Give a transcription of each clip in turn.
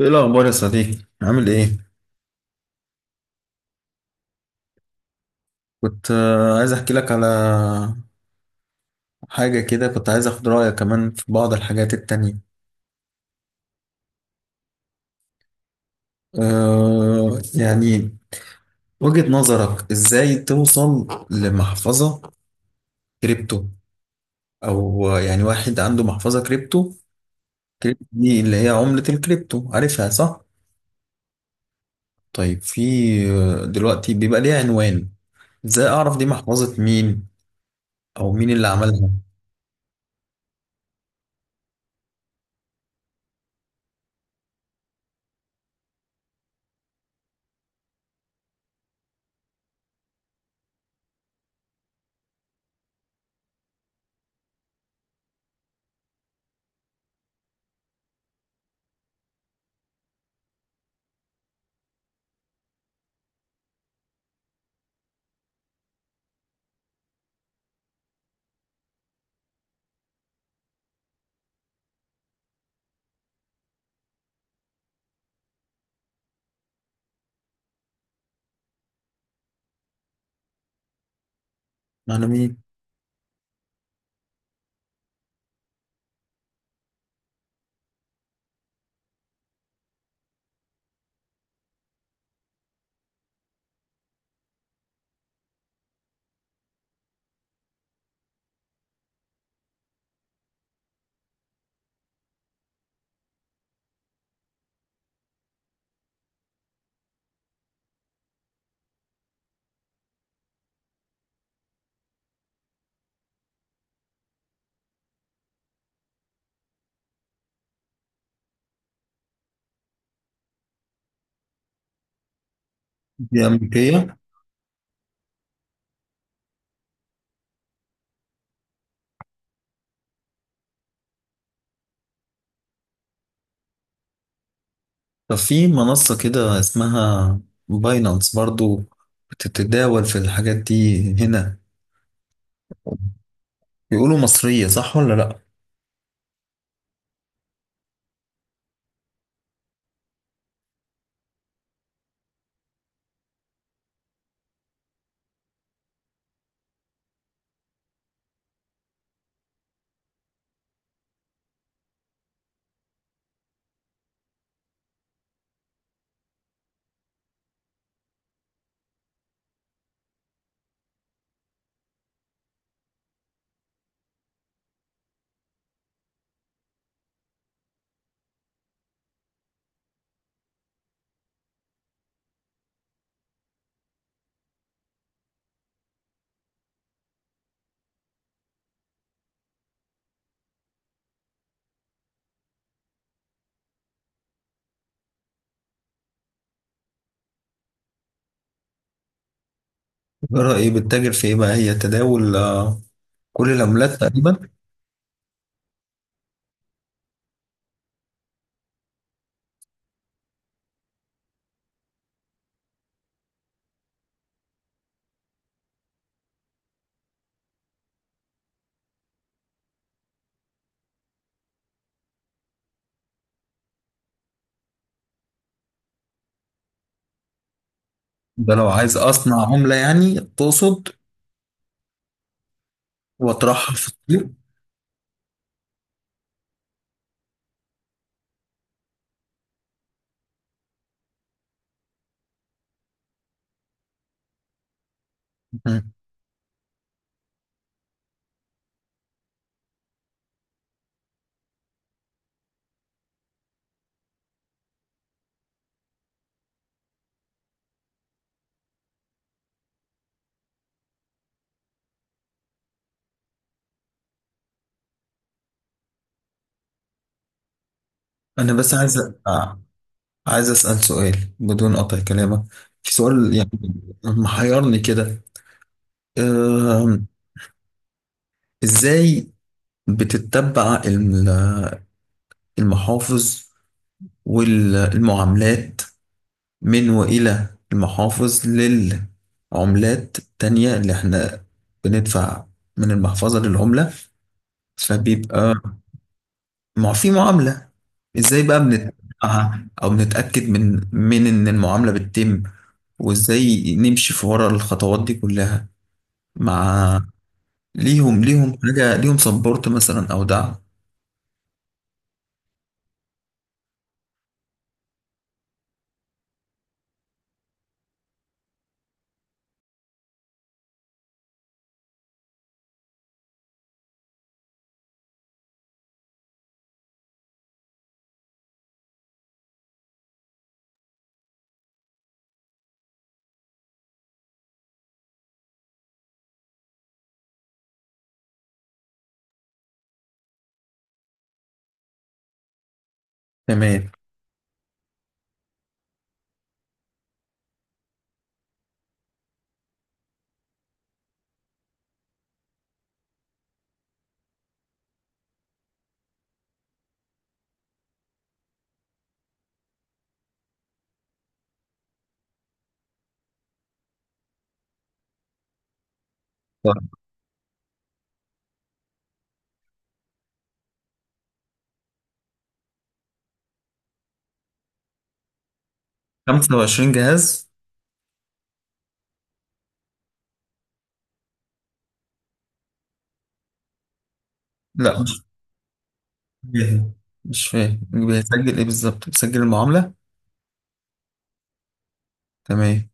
ايه الاخبار يا صديقي؟ عامل ايه؟ كنت آه، عايز احكي لك على حاجه كده. كنت عايز اخد رايك كمان في بعض الحاجات التانية. أه يعني وجهة نظرك ازاي توصل لمحفظه كريبتو؟ او يعني واحد عنده محفظه كريبتو. كريبتو دي اللي هي عمله الكريبتو، عارفها صح؟ طيب في دلوقتي بيبقى ليها عنوان، ازاي اعرف دي محفظه مين او مين اللي عملها؟ معنى مين؟ دي امريكيه؟ طب في منصة كده اسمها باينانس برضو، بتتداول في الحاجات دي هنا، بيقولوا مصرية صح ولا لأ؟ الإدارة، إيه رأيك؟ بتتاجر في إيه بقى؟ هي تداول كل العملات تقريبا. ده لو عايز أصنع عملة يعني تقصد وأطرحها في السوق. مم. أنا بس عايز آه، عايز أسأل سؤال بدون قطع كلامك. في سؤال يعني محيرني كده. آم، إزاي بتتبع المحافظ والمعاملات من وإلى المحافظ للعملات التانية اللي احنا بندفع من المحفظة للعملة؟ فبيبقى مع في معاملة، ازاي بقى بندفعها او بنتأكد من ان المعاملة بتتم؟ وازاي نمشي في ورا الخطوات دي كلها مع ليهم حاجة؟ ليهم سبورت مثلا او دعم؟ تمام. 25 جهاز؟ لا، جاهز. مش فاهم، بيسجل ايه بالظبط؟ بيسجل المعاملة؟ تمام.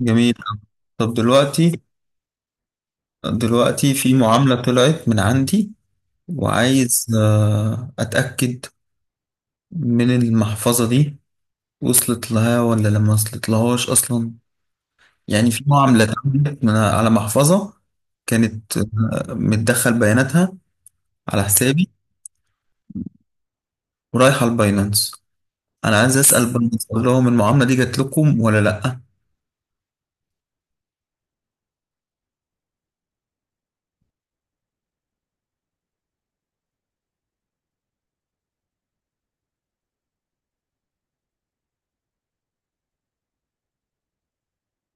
جميل. طب دلوقتي في معاملة طلعت من عندي، وعايز أتأكد من المحفظة دي وصلت لها ولا لما وصلت لهاش أصلا. يعني في معاملة اتعملت من على محفظة كانت متدخل بياناتها على حسابي ورايحة الباينانس. أنا عايز أسأل باينانس أقول لهم المعاملة دي جات لكم ولا لأ؟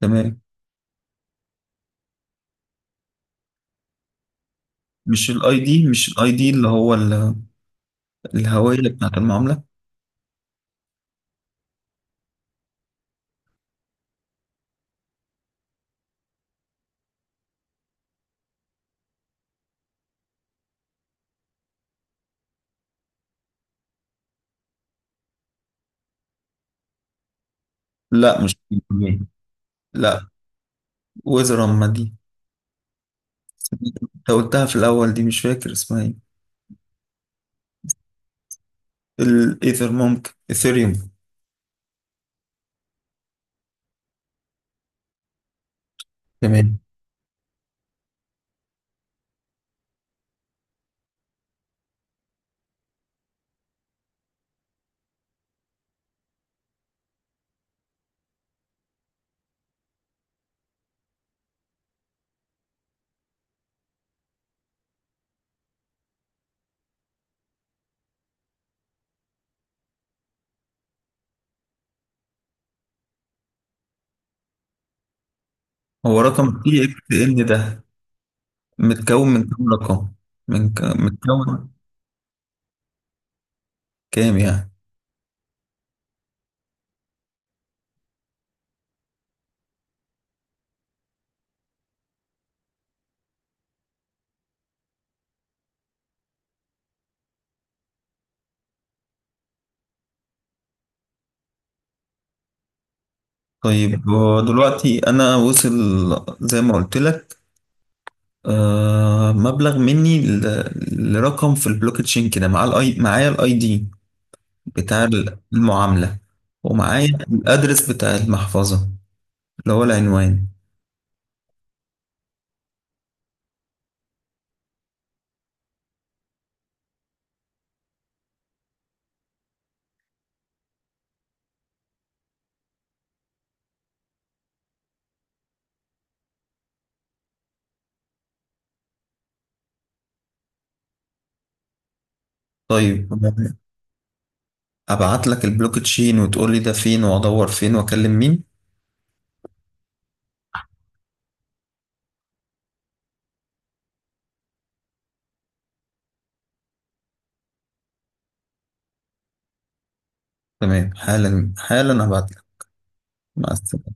تمام. مش الاي دي، مش الاي دي اللي هو الهوية بتاعت المعاملة؟ لا، مش دي. لا، ويزرم دي، انت قلتها في الاول، دي مش فاكر اسمها ايه. الايثر، ممكن ايثيريوم. تمام. هو رقم تي اكس ان ده متكون من كام رقم؟ متكون كام يعني؟ طيب هو دلوقتي انا وصل زي ما قلت لك، آه، مبلغ مني لرقم في البلوك تشين كده، مع معايا الاي دي بتاع المعاملة، ومعايا الأدرس بتاع المحفظة اللي هو العنوان. طيب أبعت لك البلوك تشين وتقول لي ده فين وأدور فين وأكلم مين؟ تمام، حالا حالا أبعت لك. مع السلامة.